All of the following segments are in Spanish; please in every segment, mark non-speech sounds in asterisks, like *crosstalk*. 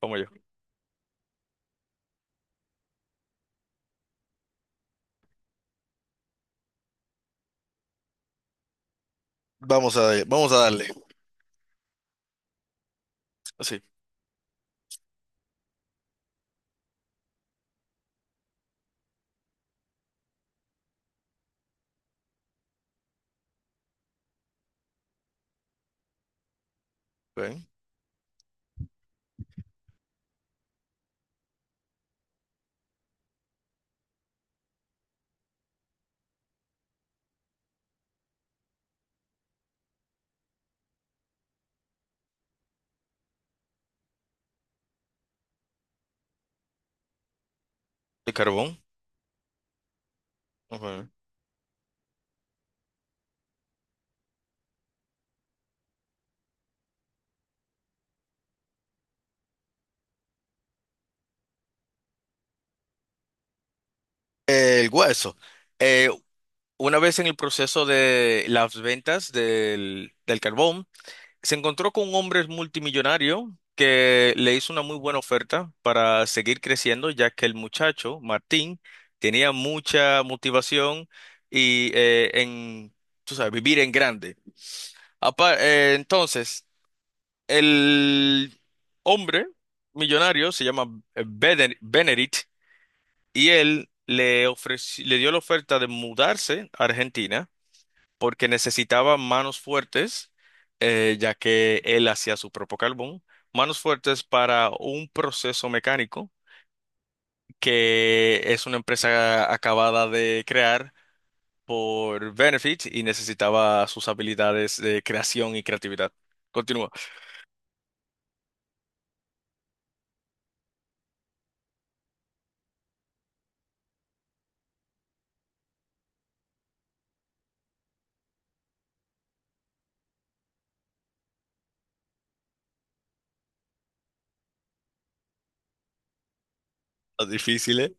Como yo. Vamos a darle. Así. Ok. El carbón. Ok. El hueso. Eh, una vez en el proceso de las ventas del carbón, se encontró con un hombre multimillonario que le hizo una muy buena oferta para seguir creciendo, ya que el muchacho, Martín, tenía mucha motivación y tú sabes, vivir en grande. Entonces, el hombre millonario se llama Benedict y él le dio la oferta de mudarse a Argentina porque necesitaba manos fuertes, ya que él hacía su propio carbón, manos fuertes para un proceso mecánico que es una empresa acabada de crear por Benefit y necesitaba sus habilidades de creación y creatividad. Continúa. Está difícil, ¿eh?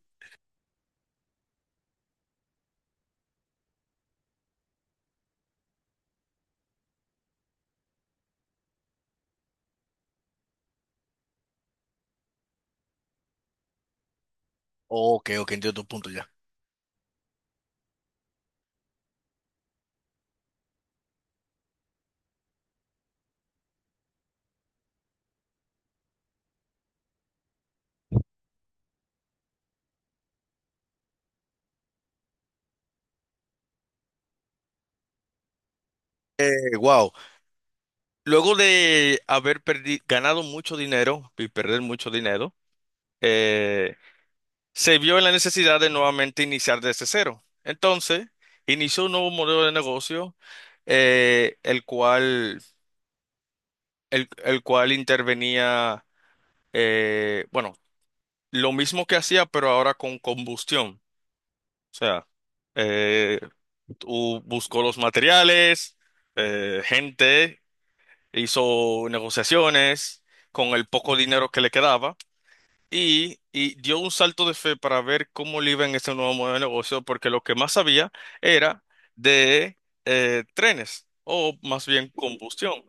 Ok, ok, entiendo tu punto ya. Wow. Luego de haber ganado mucho dinero y perder mucho dinero, eh, se vio en la necesidad de nuevamente iniciar desde cero. Entonces, inició un nuevo modelo de negocio, eh, el cual, el cual intervenía, bueno, lo mismo que hacía, pero ahora con combustión. O sea, eh, tú buscó los materiales, gente. Hizo negociaciones con el poco dinero que le quedaba y dio un salto de fe para ver cómo le iba en ese nuevo modelo de negocio, porque lo que más sabía era de trenes o más bien combustión.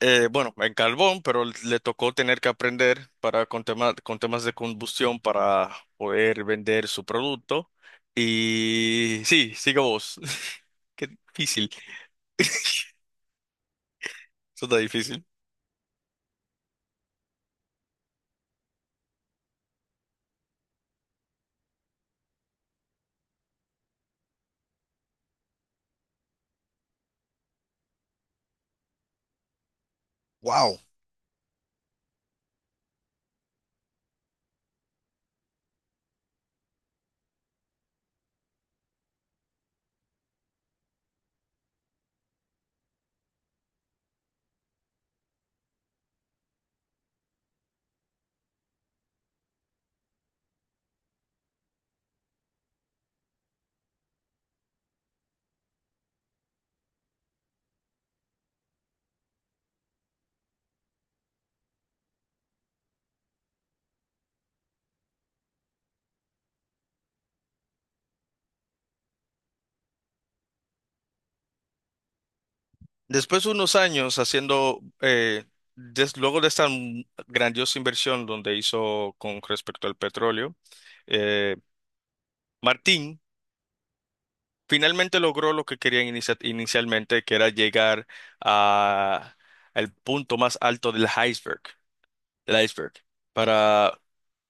Bueno, en carbón, pero le tocó tener que aprender para con temas de combustión para poder vender su producto. Y sí, sigo vos. *laughs* Qué difícil, eso está difícil. Wow. Después de unos años haciendo, luego de esta grandiosa inversión donde hizo con respecto al petróleo, eh, Martín finalmente logró lo que quería inicialmente, que era llegar a el punto más alto del iceberg, del iceberg, para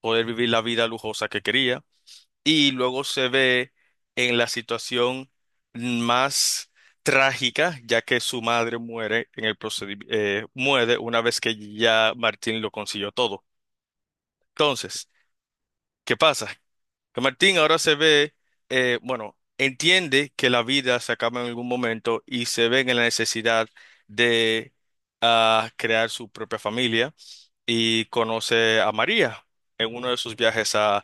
poder vivir la vida lujosa que quería y luego se ve en la situación más trágica, ya que su madre muere en el procedimiento, muere una vez que ya Martín lo consiguió todo. Entonces, ¿qué pasa? Que Martín ahora se ve, bueno, entiende que la vida se acaba en algún momento y se ve en la necesidad de ah, crear su propia familia y conoce a María en uno de sus viajes a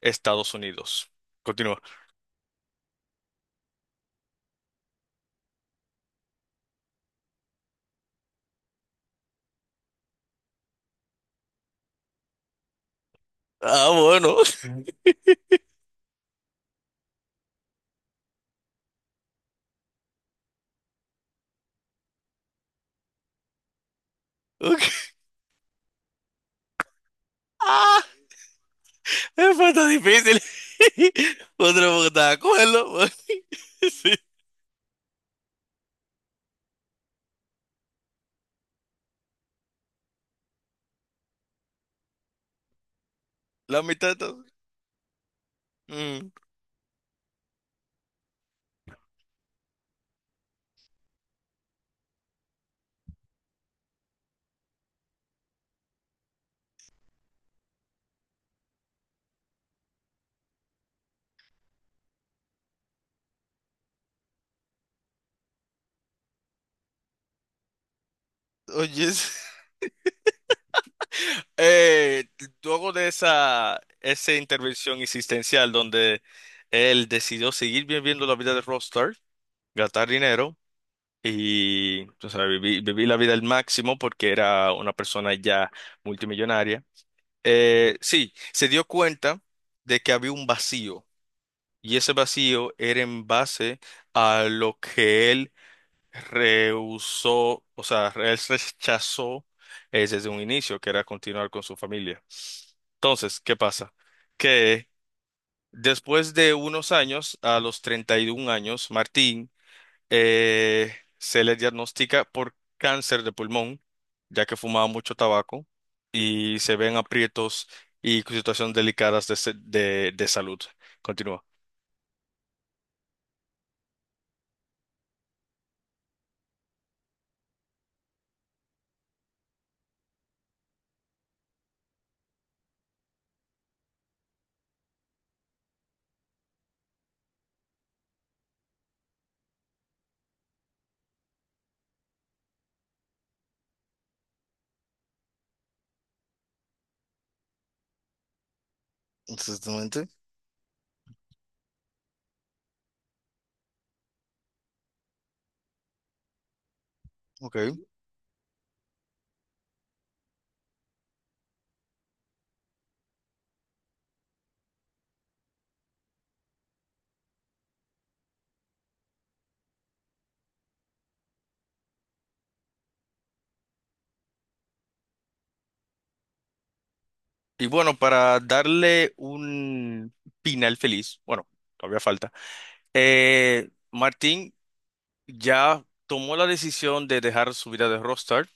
Estados Unidos. Continúa. Ah, bueno. *laughs* Ok. Ah, fue tan difícil. *laughs* Otra porque estaba de acuerdo. *laughs* Sí, la mitad de todo. Mm, oye, eh, luego de esa intervención existencial donde él decidió seguir viviendo la vida de rockstar, gastar dinero y o sea, vivir la vida al máximo porque era una persona ya multimillonaria, sí, se dio cuenta de que había un vacío. Y ese vacío era en base a lo que él rehusó, o sea, él rechazó desde un inicio, que era continuar con su familia. Entonces, ¿qué pasa? Que después de unos años, a los 31 años, Martín se le diagnostica por cáncer de pulmón, ya que fumaba mucho tabaco y se ven aprietos y situaciones delicadas de, se- de salud. Continúa. Exactamente. Ok. Y bueno, para darle un final feliz, bueno, todavía falta, Martín ya tomó la decisión de dejar su vida de rockstar,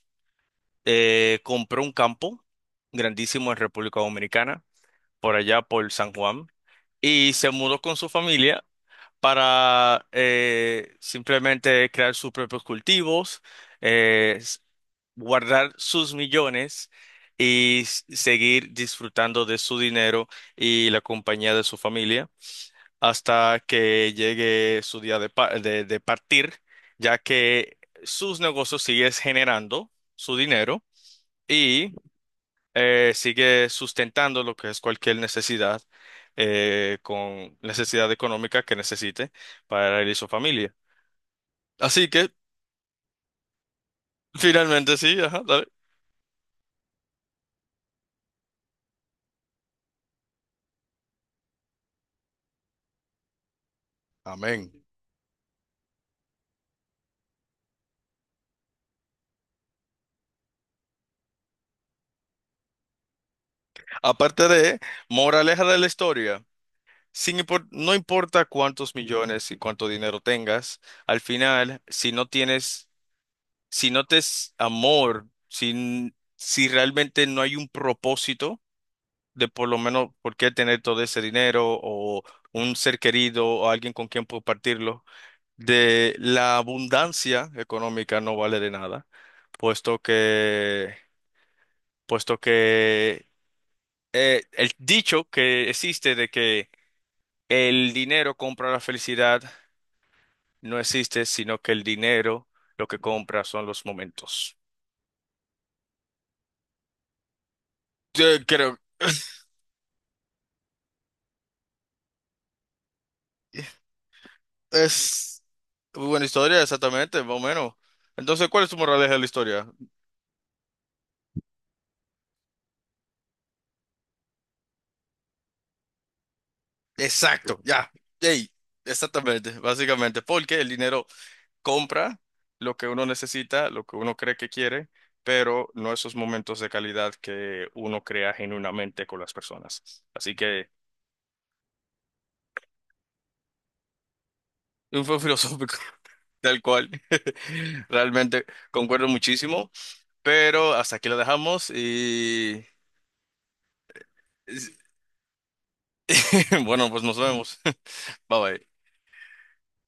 compró un campo grandísimo en República Dominicana, por allá por San Juan, y se mudó con su familia para simplemente crear sus propios cultivos, eh, s- guardar sus millones y seguir disfrutando de su dinero y la compañía de su familia hasta que llegue su día de, de partir, ya que sus negocios siguen generando su dinero. Y sigue sustentando lo que es cualquier necesidad, con necesidad económica que necesite para él y su familia. Así que, finalmente sí, ajá, dale. Amén. Aparte de, moraleja de la historia, sin impor- no importa cuántos millones y cuánto dinero tengas, al final, si no tienes, si no te es amor, si realmente no hay un propósito, de por lo menos por qué tener todo ese dinero o un ser querido o alguien con quien compartirlo, de la abundancia económica no vale de nada, puesto que, puesto que el dicho que existe de que el dinero compra la felicidad no existe, sino que el dinero lo que compra son los momentos. Yo creo es muy buena historia, exactamente, más o menos. Entonces, ¿cuál es tu moraleja de la historia? Exacto, ya. Ey, exactamente, básicamente, porque el dinero compra lo que uno necesita, lo que uno cree que quiere, pero no esos momentos de calidad que uno crea genuinamente con las personas. Así que, un fue filosófico, *laughs* tal cual. *laughs* Realmente concuerdo muchísimo, pero hasta aquí lo dejamos y *laughs* bueno, pues nos vemos. *laughs* Bye bye.